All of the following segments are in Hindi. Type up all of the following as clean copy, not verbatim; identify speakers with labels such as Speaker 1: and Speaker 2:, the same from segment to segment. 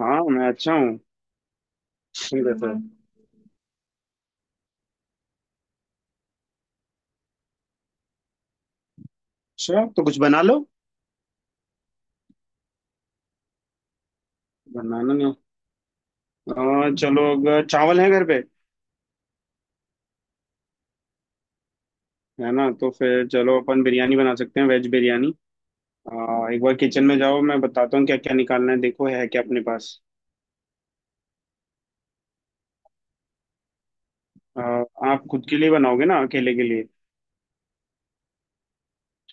Speaker 1: हाँ मैं अच्छा हूँ। ठीक है सर। हम्म। अच्छा तो कुछ बना लो। बनाना नहीं। चलो, अगर चावल है घर पे है ना तो फिर चलो अपन बिरयानी बना सकते हैं, वेज बिरयानी। आ, एक बार किचन में जाओ, मैं बताता हूँ क्या क्या निकालना है, देखो है क्या अपने पास। आ, आप खुद के लिए बनाओगे ना, अकेले के लिए।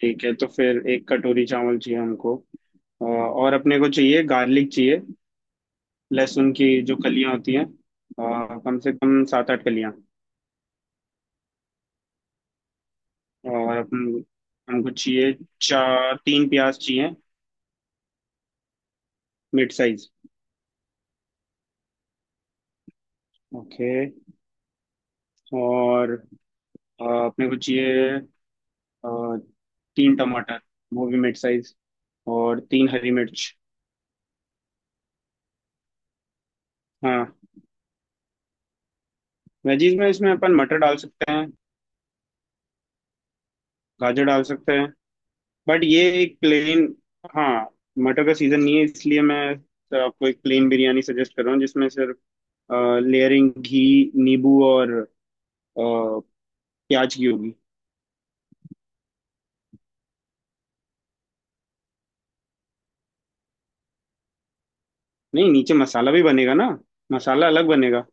Speaker 1: ठीक है, तो फिर एक कटोरी चावल चाहिए हमको। और अपने को चाहिए, गार्लिक चाहिए। लहसुन की जो कलियाँ होती हैं। कम से कम सात आठ कलियाँ। और अपन, हमको चाहिए चार तीन प्याज चाहिए, मिड साइज। ओके। और अपने को चाहिए, अ, तीन टमाटर, वो भी मिड साइज, और तीन हरी मिर्च। हाँ। वेजीज में इसमें अपन मटर डाल सकते हैं, गाजर डाल सकते हैं। बट ये एक प्लेन। हाँ, मटर का सीजन नहीं है, इसलिए मैं तो आपको एक प्लेन बिरयानी सजेस्ट कर रहा हूँ, जिसमें सिर्फ लेयरिंग घी, नींबू और अ, प्याज की होगी। नहीं, नीचे मसाला भी बनेगा ना, मसाला अलग बनेगा।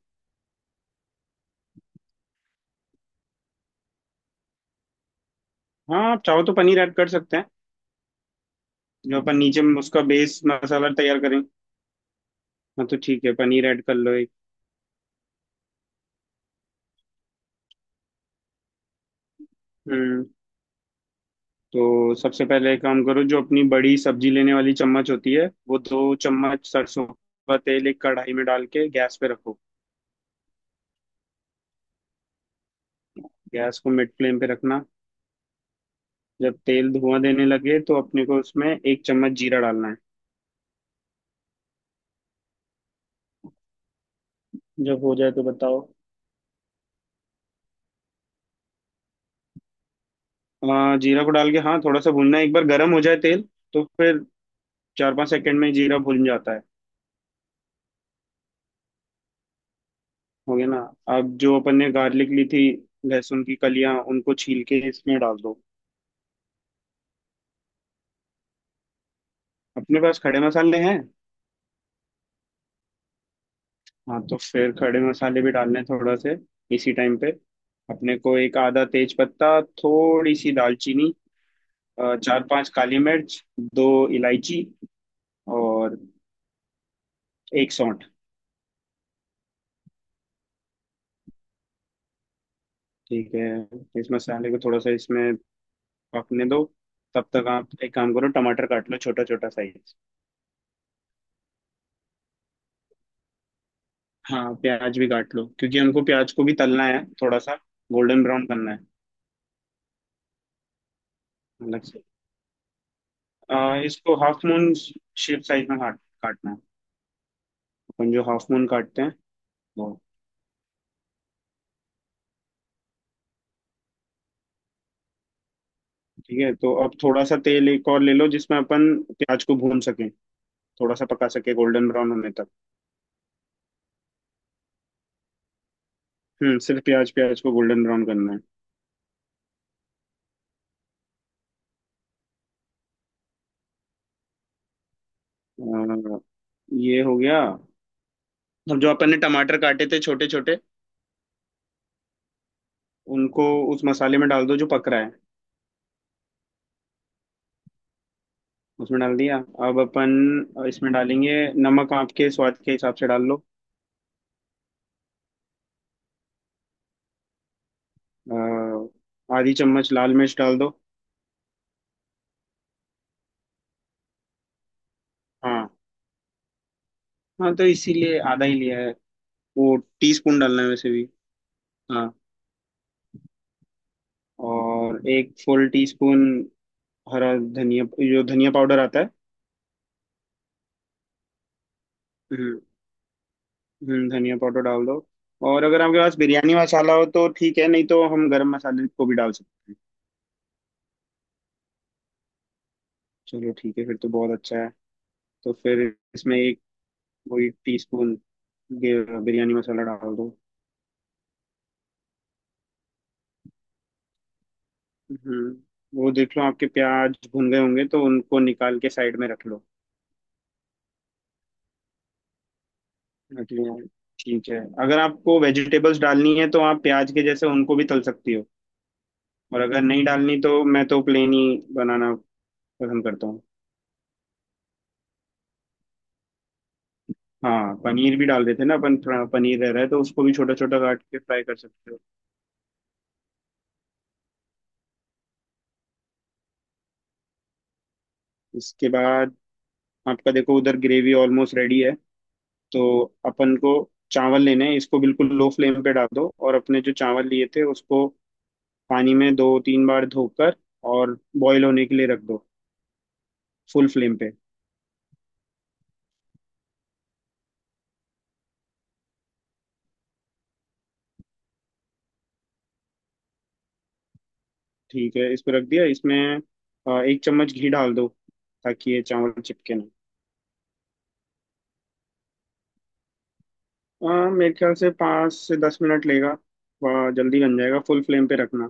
Speaker 1: हाँ आप चाहो तो पनीर ऐड कर सकते हैं। जो अपन नीचे में उसका बेस मसाला तैयार करें। हाँ तो ठीक है, पनीर ऐड कर लो एक। हम्म। तो सबसे पहले एक काम करो, जो अपनी बड़ी सब्जी लेने वाली चम्मच होती है वो दो चम्मच सरसों का तेल एक कढ़ाई में डाल के गैस पे रखो। गैस को मिड फ्लेम पे रखना। जब तेल धुआं देने लगे तो अपने को उसमें एक चम्मच जीरा डालना है। जब हो जाए तो बताओ। जीरा को डाल के, हाँ, थोड़ा सा भूनना है, एक बार गर्म हो जाए तेल तो फिर 4 5 सेकंड में जीरा भून जाता है। हो गया ना। अब जो अपन ने गार्लिक ली थी, लहसुन की कलियां, उनको छील के इसमें डाल दो। अपने पास खड़े मसाले हैं। हाँ, तो फिर खड़े मसाले भी डालने हैं थोड़ा से, इसी टाइम पे। अपने को एक आधा तेज पत्ता, थोड़ी सी दालचीनी, चार पांच काली मिर्च, दो इलायची और एक सौंठ। ठीक है। इस मसाले को थोड़ा सा इसमें पकने दो। तब तक आप एक काम करो, टमाटर काट लो छोटा छोटा साइज। हाँ, प्याज भी काट लो, क्योंकि हमको प्याज को भी तलना है थोड़ा सा, गोल्डन ब्राउन करना है। अलग से इसको हाफ मून शेप साइज में काट काटना है। अपन जो हाफ मून काटते हैं वो। ठीक है, तो अब थोड़ा सा तेल एक और ले लो, जिसमें अपन प्याज को भून सकें, थोड़ा सा पका सके गोल्डन ब्राउन होने तक। हम्म, सिर्फ प्याज, प्याज को गोल्डन ब्राउन करना है। आ, ये हो गया। अब जो अपन ने टमाटर काटे थे छोटे छोटे, उनको उस मसाले में डाल दो जो पक रहा है। उसमें डाल दिया। अब अपन इसमें डालेंगे, नमक आपके स्वाद के हिसाब से डाल लो। आधी चम्मच लाल मिर्च डाल दो। हाँ, हाँ, तो इसीलिए आधा ही लिया है, वो टी स्पून डालना है वैसे भी। हाँ। और एक फुल टी स्पून हरा धनिया, जो धनिया पाउडर आता है। हम्म। धनिया पाउडर डाल दो। और अगर आपके पास बिरयानी मसाला हो तो ठीक है, नहीं तो हम गरम मसाले को भी डाल सकते हैं। चलो ठीक है, फिर तो बहुत अच्छा है। तो फिर इसमें एक, वही टी स्पून बिरयानी मसाला डाल दो। हम्म वो देख लो आपके प्याज भुन गए होंगे तो उनको निकाल के साइड में रख लो। रख लिया, ठीक है। अगर आपको वेजिटेबल्स डालनी है तो आप प्याज के जैसे उनको भी तल सकती हो। और अगर नहीं डालनी तो मैं तो प्लेन ही बनाना पसंद करता हूँ। हाँ पनीर भी डाल देते हैं ना अपन, थोड़ा पनीर रह रहा है तो उसको भी छोटा छोटा काट के फ्राई कर सकते हो। इसके बाद आपका देखो उधर ग्रेवी ऑलमोस्ट रेडी है। तो अपन को चावल लेने हैं, इसको बिल्कुल लो फ्लेम पे डाल दो और अपने जो चावल लिए थे उसको पानी में दो तीन बार धोकर और बॉईल होने के लिए रख दो, फुल फ्लेम पे। ठीक है, इसको रख दिया, इसमें एक चम्मच घी डाल दो ताकि ये चावल चिपके ना। मेरे ख्याल से 5 से 10 मिनट लेगा। वह जल्दी बन जाएगा, फुल फ्लेम पे रखना।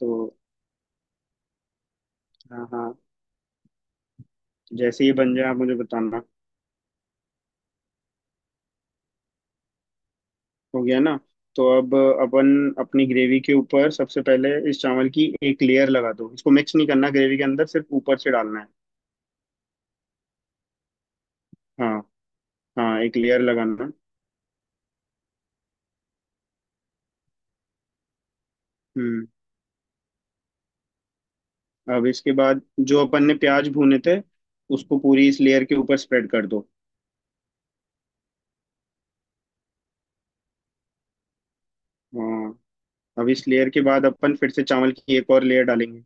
Speaker 1: तो, हाँ हाँ, जैसे ही बन जाए आप मुझे बताना। हो गया ना। तो अब अपन अपनी ग्रेवी के ऊपर सबसे पहले इस चावल की एक लेयर लगा दो, इसको मिक्स नहीं करना ग्रेवी के अंदर, सिर्फ ऊपर से डालना है। हाँ हाँ, एक लेयर लगाना है। हम्म अब इसके बाद जो अपन ने प्याज भूने थे उसको पूरी इस लेयर के ऊपर स्प्रेड कर दो। हाँ, अब इस लेयर के बाद अपन फिर से चावल की एक और लेयर डालेंगे।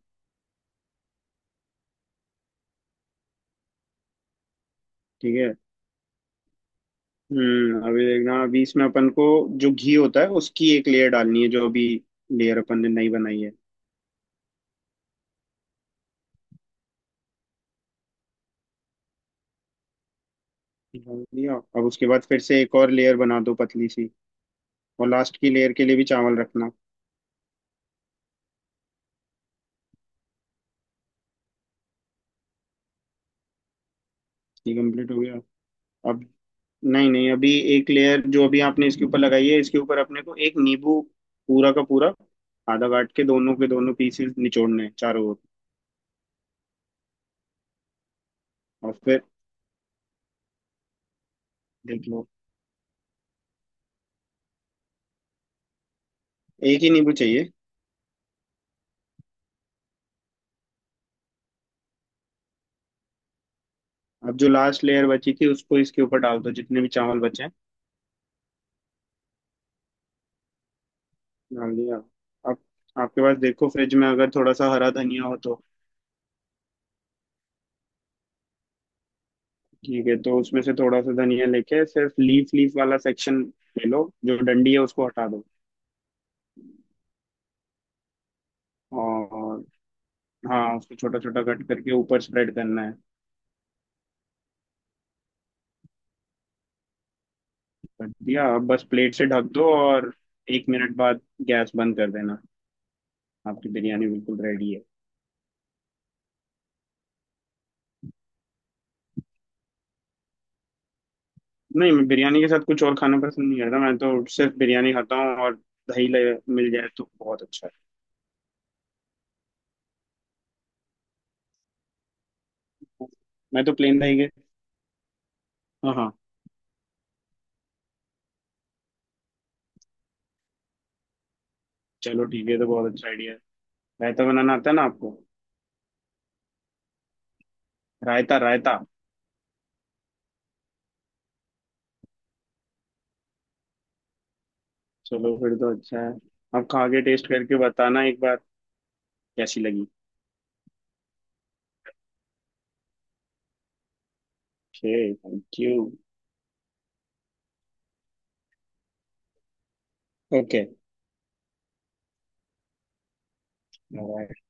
Speaker 1: ठीक है। अभी देखना, अभी इसमें अपन को जो घी होता है उसकी एक लेयर डालनी है, जो अभी लेयर अपन ने नई बनाई है। डाल दिया। अब उसके बाद फिर से एक और लेयर बना दो पतली सी, और लास्ट की लेयर के लिए भी चावल रखना। ये कंप्लीट हो गया। अब, नहीं नहीं, अभी एक लेयर जो अभी आपने इसके ऊपर लगाई है, इसके ऊपर अपने को एक नींबू, पूरा का पूरा आधा काट के, दोनों के दोनों पीसेस निचोड़ने हैं चारों ओर। और फिर देख लो। एक ही नींबू चाहिए। अब जो लास्ट लेयर बची थी उसको इसके ऊपर डाल दो, जितने भी चावल बचे हैं। डाल दिया। अब आपके पास देखो फ्रिज में अगर थोड़ा सा हरा धनिया हो तो ठीक है, तो उसमें से थोड़ा सा धनिया लेके सिर्फ लीफ, लीफ वाला सेक्शन ले लो, जो डंडी है उसको हटा दो। और, हाँ, उसको छोटा छोटा कट करके ऊपर स्प्रेड करना है। बढ़िया। आप बस प्लेट से ढक दो और एक मिनट बाद गैस बंद कर देना। आपकी बिरयानी बिल्कुल रेडी है। नहीं, मैं बिरयानी के साथ कुछ और खाना पसंद नहीं करता, मैं तो सिर्फ बिरयानी खाता हूँ। और दही ले मिल जाए तो बहुत अच्छा है। मैं तो प्लेन दही के। हाँ हाँ। चलो ठीक है, ये तो बहुत अच्छा आइडिया है। रायता बनाना आता है ना आपको। रायता, रायता। चलो फिर तो अच्छा है। आप खा के टेस्ट करके बताना एक बार। कैसी लगी। Okay, thank you. ओके।